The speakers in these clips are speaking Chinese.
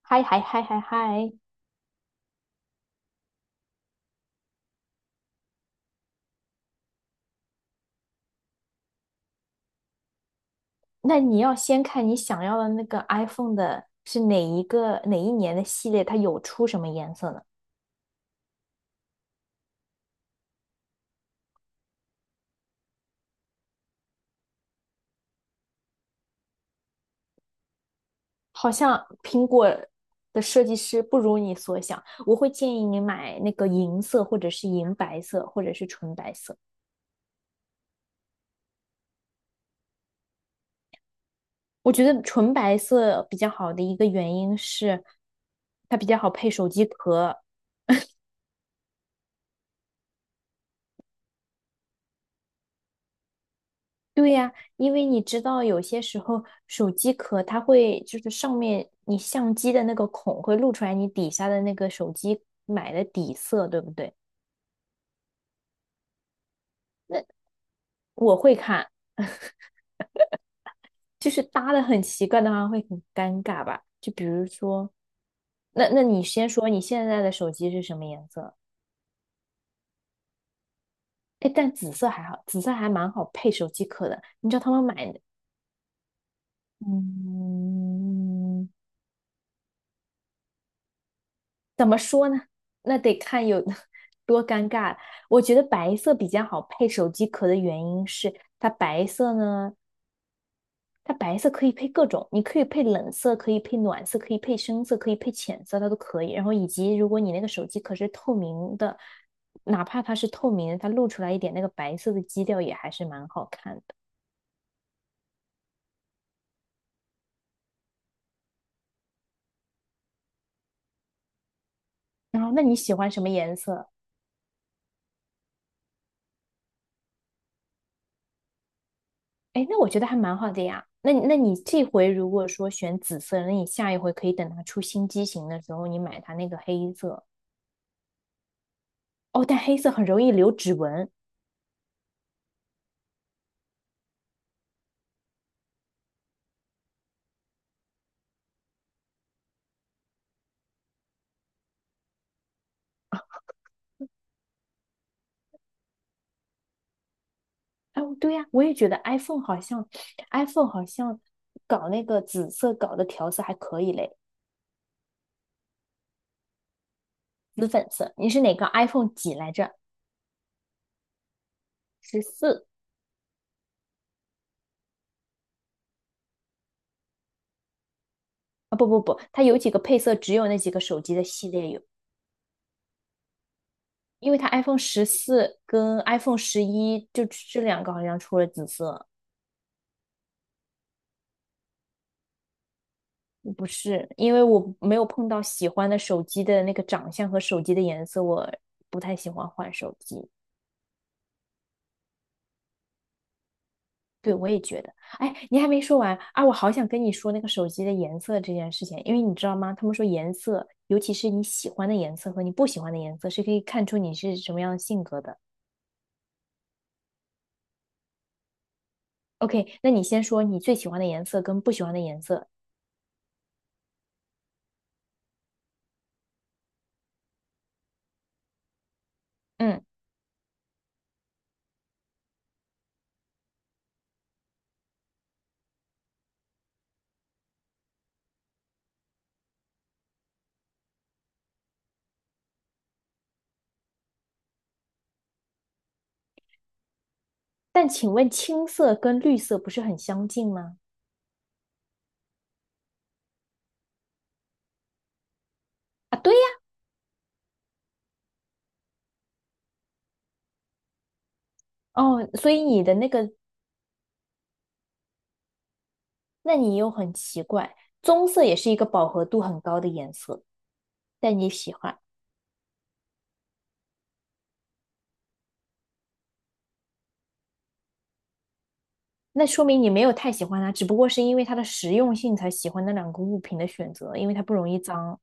嗨嗨嗨嗨嗨，那你要先看你想要的那个 iPhone 的是哪一个哪一年的系列，它有出什么颜色呢？好像苹果的设计师不如你所想，我会建议你买那个银色，或者是银白色，或者是纯白色。我觉得纯白色比较好的一个原因是，它比较好配手机壳，对呀，因为你知道，有些时候手机壳它会就是上面你相机的那个孔会露出来你底下的那个手机买的底色，对不对？那我会看，就是搭的很奇怪的话会很尴尬吧？就比如说，那你先说你现在的手机是什么颜色？哎，但紫色还好，紫色还蛮好配手机壳的。你知道他们买的嗯。怎么说呢？那得看有 多尴尬。我觉得白色比较好配手机壳的原因是，它白色呢，它白色可以配各种，你可以配冷色，可以配暖色，可以配深色，可以配浅色，它都可以。然后以及如果你那个手机壳是透明的，哪怕它是透明的，它露出来一点那个白色的基调也还是蛮好看的。然后，那你喜欢什么颜色？哎，那我觉得还蛮好的呀。那你那你这回如果说选紫色，那你下一回可以等它出新机型的时候，你买它那个黑色。哦，但黑色很容易留指纹。哎，对呀，我也觉得 iPhone 好像搞那个紫色搞的调色还可以嘞，紫粉色。你是哪个 iPhone 几来着？十四啊？不不不，它有几个配色只有那几个手机的系列有，因为它 iPhone 14跟 iPhone 11就这两个好像出了紫色。不是，因为我没有碰到喜欢的手机的那个长相和手机的颜色，我不太喜欢换手机。对，我也觉得。哎，你还没说完啊！我好想跟你说那个手机的颜色这件事情，因为你知道吗？他们说颜色，尤其是你喜欢的颜色和你不喜欢的颜色，是可以看出你是什么样的性格的。OK，那你先说你最喜欢的颜色跟不喜欢的颜色。嗯，但请问青色跟绿色不是很相近吗？啊，对呀。哦，所以你的那个那你又很奇怪，棕色也是一个饱和度很高的颜色，但你喜欢，那说明你没有太喜欢它，只不过是因为它的实用性才喜欢那两个物品的选择，因为它不容易脏。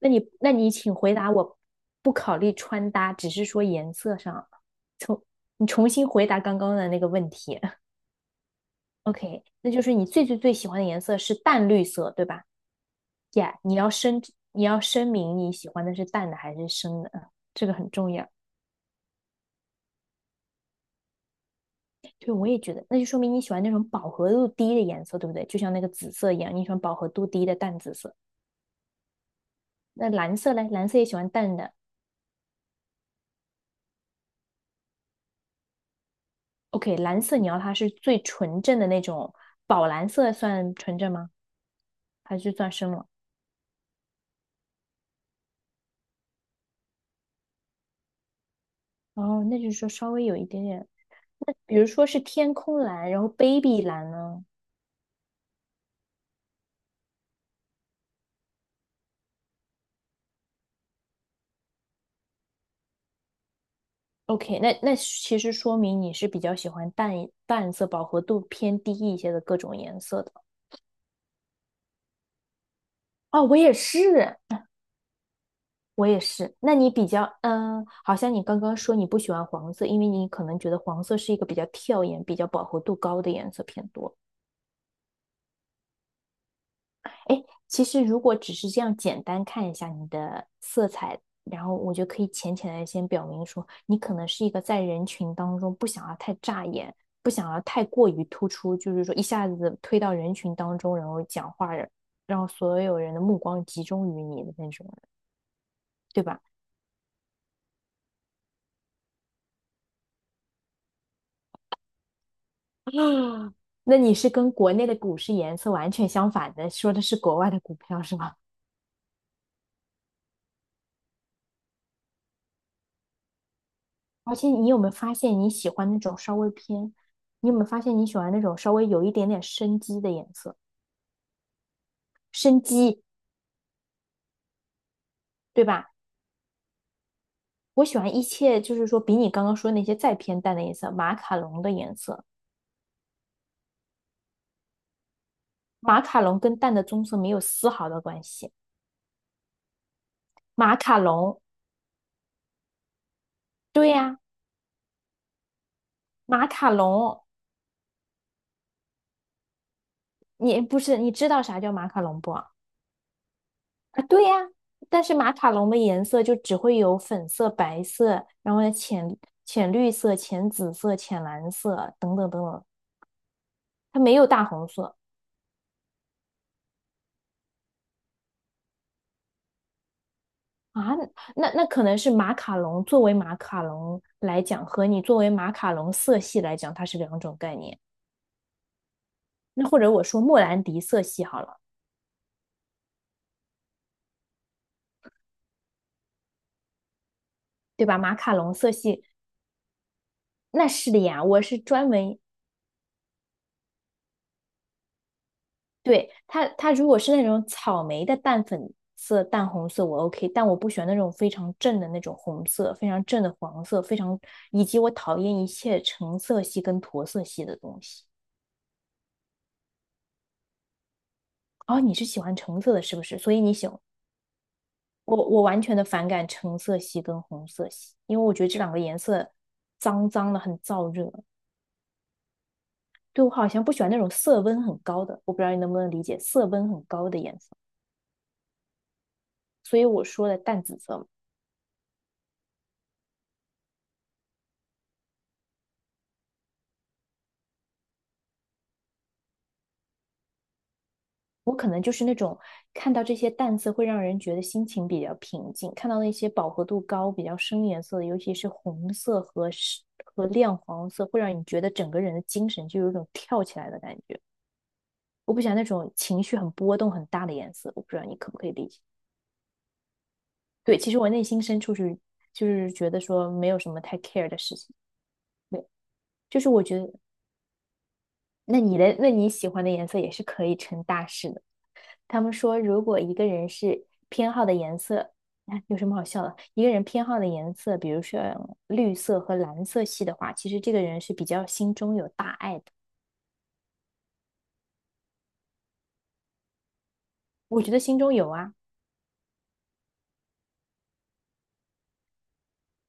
那你，那你请回答我，不考虑穿搭，只是说颜色上，重你重新回答刚刚的那个问题。OK,那就是你最最最喜欢的颜色是淡绿色，对吧？Yeah,你要声明你喜欢的是淡的还是深的，这个很重要。对，我也觉得，那就说明你喜欢那种饱和度低的颜色，对不对？就像那个紫色一样，你喜欢饱和度低的淡紫色。那蓝色嘞，蓝色也喜欢淡的。OK,蓝色你要它是最纯正的那种，宝蓝色算纯正吗？还是算深了？哦，那就是说稍微有一点点。那比如说是天空蓝，然后 baby 蓝呢？OK,那那其实说明你是比较喜欢淡色、饱和度偏低一些的各种颜色的。哦，我也是。我也是。那你比较，嗯，好像你刚刚说你不喜欢黄色，因为你可能觉得黄色是一个比较跳眼、比较饱和度高的颜色偏多。哎，其实如果只是这样简单看一下你的色彩，然后我就可以浅浅的先表明说，你可能是一个在人群当中不想要太扎眼，不想要太过于突出，就是说一下子推到人群当中，然后讲话，让所有人的目光集中于你的那种人，对吧？啊，那你是跟国内的股市颜色完全相反的，说的是国外的股票是吗？而且你有没有发现你喜欢那种稍微偏，你有没有发现你喜欢那种稍微有一点点生机的颜色，生机，对吧？我喜欢一切就是说比你刚刚说那些再偏淡的颜色，马卡龙的颜色，马卡龙跟淡的棕色没有丝毫的关系。马卡龙，对呀，马卡龙，你不是你知道啥叫马卡龙不？啊，对呀，但是马卡龙的颜色就只会有粉色、白色，然后呢浅绿色、浅紫色、浅蓝色等等等等，它没有大红色啊。那可能是马卡龙作为马卡龙来讲，和你作为马卡龙色系来讲，它是两种概念。那或者我说莫兰迪色系好了，对吧？马卡龙色系那是的呀，我是专门对，它，它如果是那种草莓的淡粉色、淡红色，我 OK,但我不喜欢那种非常正的那种红色，非常正的黄色，非常，以及我讨厌一切橙色系跟驼色系的东西。哦，你是喜欢橙色的，是不是？所以你喜欢我完全的反感橙色系跟红色系，因为我觉得这两个颜色脏脏的，很燥热。对，我好像不喜欢那种色温很高的，我不知道你能不能理解色温很高的颜色，所以我说的淡紫色嘛。我可能就是那种看到这些淡色会让人觉得心情比较平静，看到那些饱和度高、比较深颜色的，尤其是红色和和亮黄色，会让你觉得整个人的精神就有一种跳起来的感觉。我不喜欢那种情绪很波动很大的颜色，我不知道你可不可以理解。对，其实我内心深处是就是觉得说没有什么太 care 的事情。对，就是我觉得那你的那你喜欢的颜色也是可以成大事的。他们说，如果一个人是偏好的颜色，哎有什么好笑的？一个人偏好的颜色，比如说绿色和蓝色系的话，其实这个人是比较心中有大爱的。我觉得心中有啊，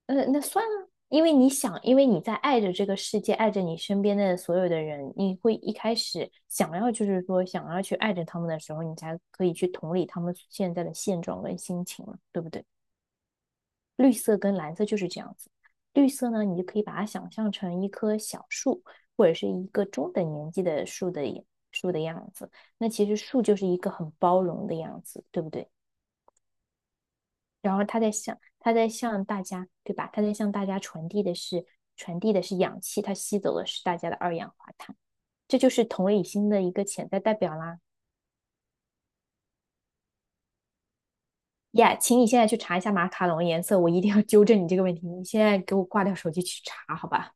呃，那算了，因为你想，因为你在爱着这个世界，爱着你身边的所有的人，你会一开始想要就是说想要去爱着他们的时候，你才可以去同理他们现在的现状跟心情嘛，对不对？绿色跟蓝色就是这样子。绿色呢，你就可以把它想象成一棵小树，或者是一个中等年纪的树的样子。那其实树就是一个很包容的样子，对不对？然后它在向大家，对吧？它在向大家传递的是氧气，它吸走的是大家的二氧化碳，这就是同理心的一个潜在代表啦。呀 yeah, 请你现在去查一下马卡龙颜色，我一定要纠正你这个问题。你现在给我挂掉手机去查，好吧？